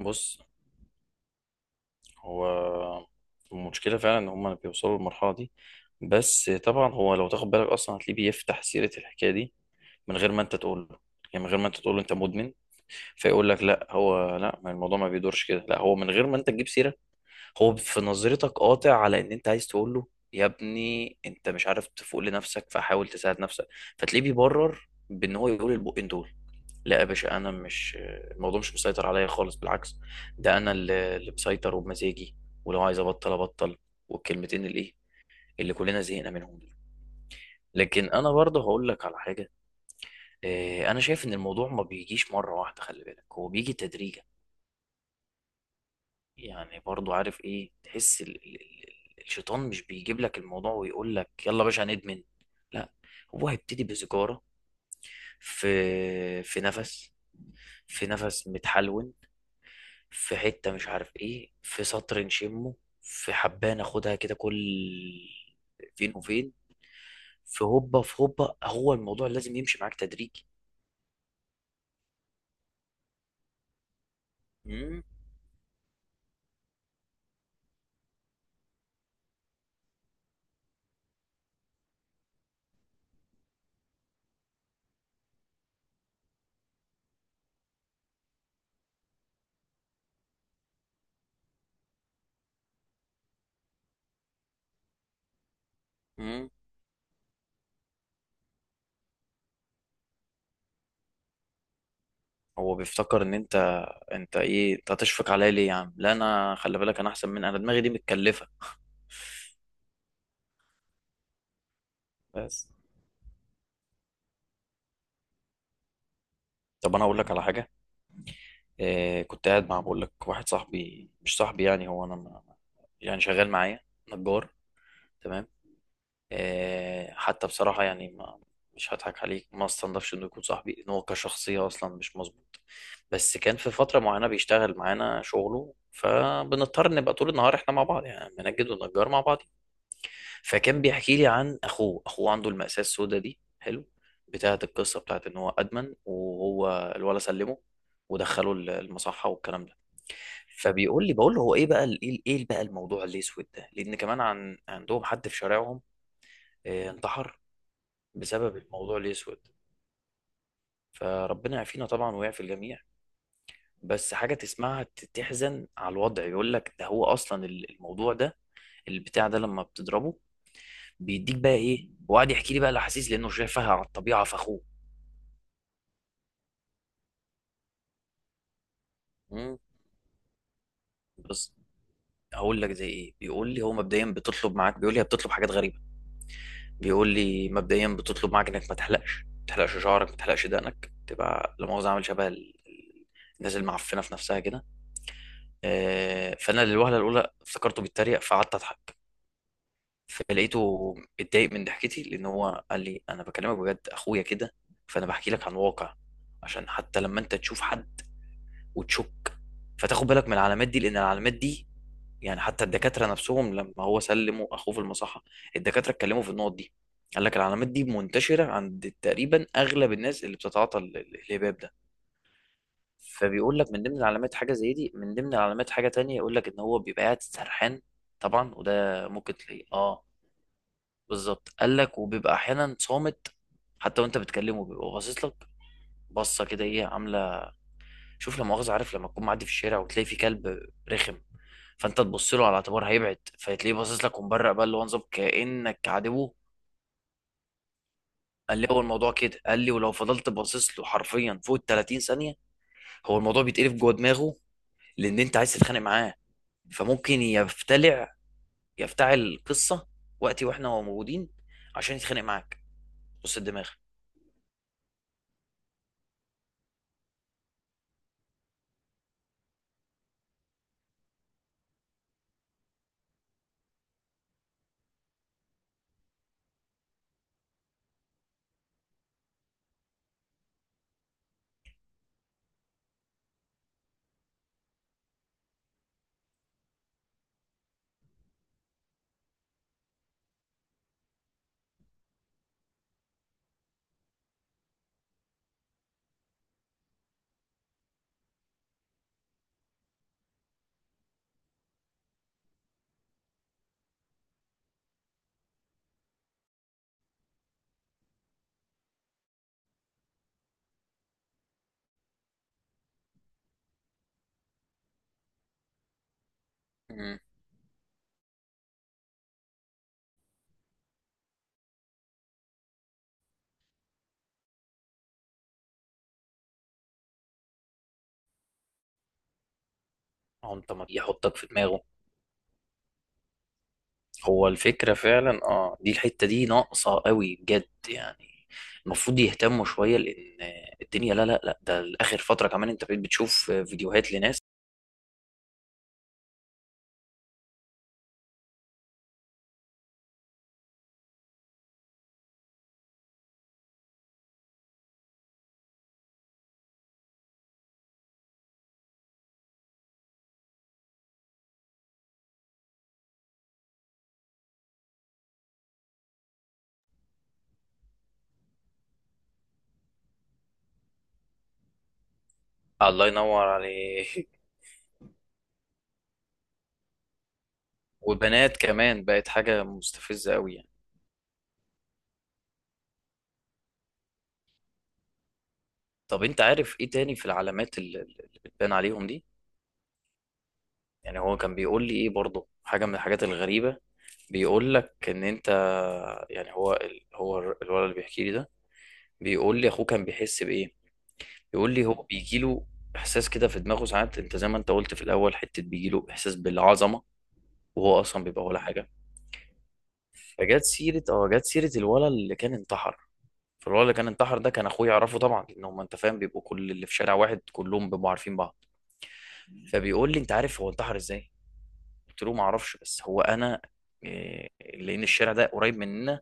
بص، هو المشكلة فعلا إن هما بيوصلوا للمرحلة دي. بس طبعا هو لو تاخد بالك أصلا هتلاقيه بيفتح سيرة الحكاية دي من غير ما أنت تقول له، يعني من غير ما أنت تقول له أنت مدمن، فيقول لك لا، هو لا، ما الموضوع ما بيدورش كده، لا هو من غير ما أنت تجيب سيرة، هو في نظرتك قاطع على إن أنت عايز تقول له يا ابني أنت مش عارف تفوق لنفسك فحاول تساعد نفسك، فتلاقيه بيبرر بإن هو يقول البقين دول: لا يا باشا انا مش، الموضوع مش مسيطر عليا خالص، بالعكس، ده انا اللي مسيطر وبمزاجي، ولو عايز ابطل ابطل، والكلمتين الايه اللي كلنا زهقنا منهم دول. لكن انا برضه هقول لك على حاجه. انا شايف ان الموضوع ما بيجيش مره واحده، خلي بالك هو بيجي تدريجا. يعني برضه عارف ايه، تحس الشيطان مش بيجيب لك الموضوع ويقول لك يلا يا باشا هندمن، لا، هو هيبتدي بسيجاره، في في نفس في نفس متحلون، في حتة مش عارف ايه، في سطر نشمه، في حبة ناخدها كده، كل فين وفين، في هوبا في هوبا. هو الموضوع لازم يمشي معاك تدريجي. مم. مم. هو بيفتكر ان انت، انت ايه، انت هتشفق عليا ليه يا عم؟ لا، انا خلي بالك، انا احسن، من انا دماغي دي متكلفة. بس طب انا اقول لك على حاجة إيه. كنت قاعد مع بقول لك واحد صاحبي، مش صاحبي يعني، هو انا يعني شغال معايا نجار، تمام. حتى بصراحة يعني ما، مش هضحك عليك، ما استنضفش انه يكون صاحبي، ان هو كشخصية اصلا مش مظبوط، بس كان في فترة معينة بيشتغل معانا شغله فبنضطر نبقى طول النهار احنا مع بعض، يعني منجد ونجار مع بعض. فكان بيحكي لي عن اخوه عنده المأساة السوداء دي، حلو، بتاعت القصة، بتاعت ان هو ادمن، وهو الولا سلمه ودخله المصحة والكلام ده. فبيقول لي، بقول له هو ايه بقى، ايه بقى الموضوع الاسود ده، لان كمان عندهم حد في شارعهم، انتحر، بسبب الموضوع الاسود، فربنا يعافينا طبعا ويعفي الجميع. بس حاجه تسمعها تحزن على الوضع. يقول لك ده هو اصلا الموضوع ده، البتاع ده لما بتضربه بيديك بقى ايه، وقعد يحكي لي بقى الاحاسيس لانه شايفها على الطبيعه في اخوه. مم. بس هقول لك زي ايه. بيقول لي هو مبدئيا بتطلب معاك، بيقول لي هي بتطلب حاجات غريبه، بيقول لي مبدئيا بتطلب معاك انك ما تحلقش شعرك، ما تحلقش دقنك، تبقى لا مؤاخذه عامل شبه ال- الناس المعفنه في نفسها كده. فانا للوهله الاولى افتكرته بيتريق فقعدت اضحك، فلقيته اتضايق من ضحكتي، لان هو قال لي انا بكلمك بجد، اخويا كده، فانا بحكي لك عن واقع، عشان حتى لما انت تشوف حد وتشك فتاخد بالك من العلامات دي، لان العلامات دي يعني حتى الدكاتره نفسهم لما هو سلموا اخوه في المصحه، الدكاتره اتكلموا في النقط دي، قال لك العلامات دي منتشره عند تقريبا اغلب الناس اللي بتتعاطى الهباب ده. فبيقول لك من ضمن العلامات حاجه زي دي، من ضمن العلامات حاجه تانية يقول لك ان هو بيبقى قاعد سرحان، طبعا وده ممكن تلاقيه اه، بالظبط. قال لك وبيبقى احيانا صامت حتى وانت بتكلمه، بيبقى باصص لك، بصه كده ايه عامله، شوف لا مؤاخذه، عارف لما تكون معدي في الشارع وتلاقي في كلب رخم، فانت تبص له على اعتبار هيبعد فتلاقيه باصص لك ومبرق بقى، اللي هو نظام كانك عادبه. قال لي هو الموضوع كده، قال لي ولو فضلت باصص له حرفيا فوق ال 30 ثانيه هو الموضوع بيتقلب جوه دماغه، لان انت عايز تتخانق معاه، فممكن يفتلع، يفتعل القصه وقتي واحنا هو موجودين عشان يتخانق معاك، بص الدماغ. مم. هو انت ما يحطك في دماغه. هو الفكره فعلا اه، دي الحته دي ناقصه قوي بجد يعني، المفروض يهتموا شويه لان الدنيا، لا لا لا، ده اخر فتره كمان انت بقيت بتشوف فيديوهات لناس، الله ينور عليك وبنات كمان، بقت حاجه مستفزه قوي يعني. طب انت عارف ايه تاني في العلامات اللي بتبان عليهم دي؟ يعني هو كان بيقول لي ايه برضه حاجه من الحاجات الغريبه. بيقول لك ان انت، يعني هو الولد اللي بيحكي لي ده بيقول لي اخوه كان بيحس بايه، بيقول لي هو بيجي له احساس كده في دماغه ساعات، انت زي ما انت قلت في الاول، حته بيجي له احساس بالعظمه وهو اصلا بيبقى ولا حاجه. فجت سيره اه، جت سيره الولد اللي كان انتحر، فالولد اللي كان انتحر ده كان اخوه يعرفه طبعا، لان هم انت فاهم بيبقوا كل اللي في شارع واحد كلهم بيبقوا عارفين بعض. فبيقول لي انت عارف هو انتحر ازاي، قلت له ما اعرفش، بس هو انا لان الشارع ده قريب مننا،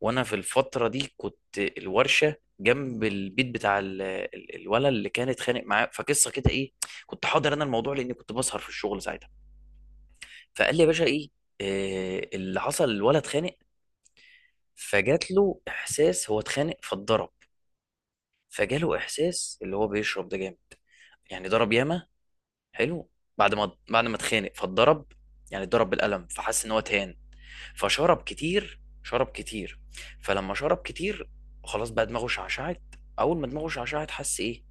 وانا في الفتره دي كنت الورشه جنب البيت بتاع الولد اللي كان اتخانق معاه، فقصه كده ايه، كنت حاضر انا الموضوع لاني كنت بسهر في الشغل ساعتها. فقال لي يا باشا ايه اللي حصل الولد اتخانق، فجات له احساس هو اتخانق فاتضرب، فجاله احساس اللي هو بيشرب ده جامد، يعني ضرب ياما، حلو، بعد ما اتخانق فاتضرب، يعني اتضرب بالقلم فحس ان هو تهان، فشرب كتير، شرب كتير، فلما شرب كتير خلاص بقى دماغه شعشعت، اول ما دماغه شعشعت حس ايه،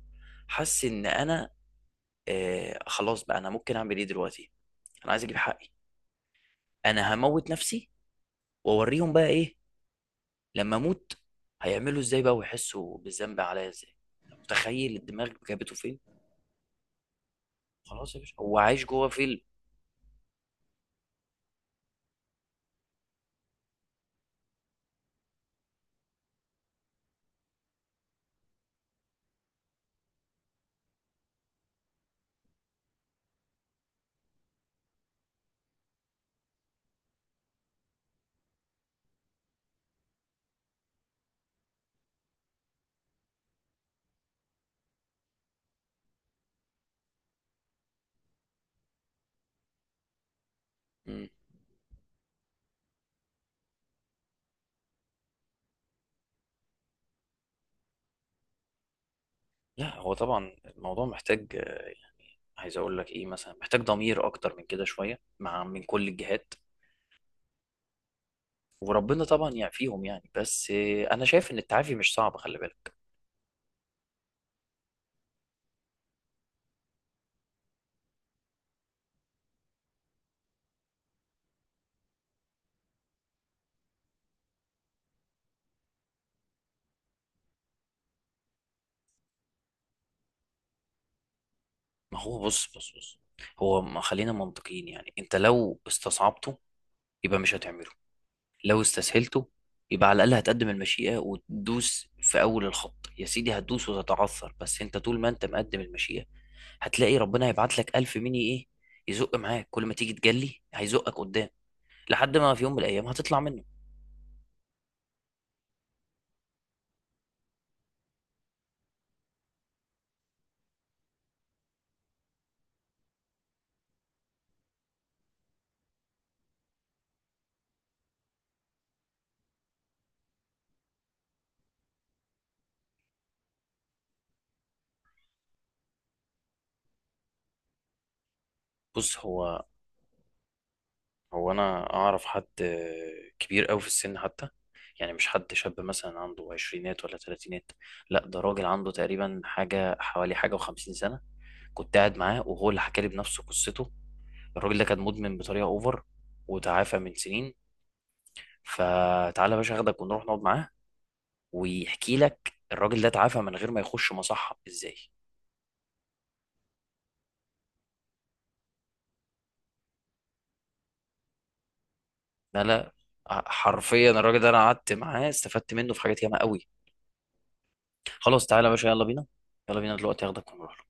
حس ان انا خلاص بقى، انا ممكن اعمل ايه دلوقتي، انا عايز اجيب حقي، انا هموت نفسي واوريهم بقى ايه، لما اموت هيعملوا ازاي بقى ويحسوا بالذنب عليا ازاي، متخيل الدماغ جابته فين، خلاص يا باشا هو عايش جوه فيلم. مم. لا، هو طبعا الموضوع محتاج عايز اقول لك ايه مثلا، محتاج ضمير اكتر من كده شويه، مع من كل الجهات، وربنا طبعا يعافيهم يعني، بس انا شايف ان التعافي مش صعب، خلي بالك. ما هو بص بص بص، هو ما خلينا منطقيين، يعني انت لو استصعبته يبقى مش هتعمله، لو استسهلته يبقى على الاقل هتقدم المشيئة وتدوس في اول الخط، يا سيدي هتدوس وتتعثر، بس انت طول ما انت مقدم المشيئة هتلاقي ربنا هيبعت لك الف مني ايه، يزق معاك كل ما تيجي تجلي هيزقك قدام، لحد ما في يوم من الايام هتطلع منه. بص هو انا اعرف حد كبير قوي في السن حتى، يعني مش حد شاب مثلا عنده عشرينات ولا تلاتينات، لا، ده راجل عنده تقريبا حاجة حوالي حاجة وخمسين سنة، كنت قاعد معاه وهو اللي حكالي بنفسه قصته، الراجل ده كان مدمن بطريقة اوفر وتعافى من سنين. فتعالى يا باشا اخدك ونروح نقعد معاه، ويحكي لك الراجل ده تعافى من غير ما يخش مصحة ازاي. لا لا، حرفيا الراجل ده انا قعدت معاه استفدت منه في حاجات ياما قوي، خلاص تعالى يا باشا، يلا بينا، يلا بينا دلوقتي اخدك ونروح.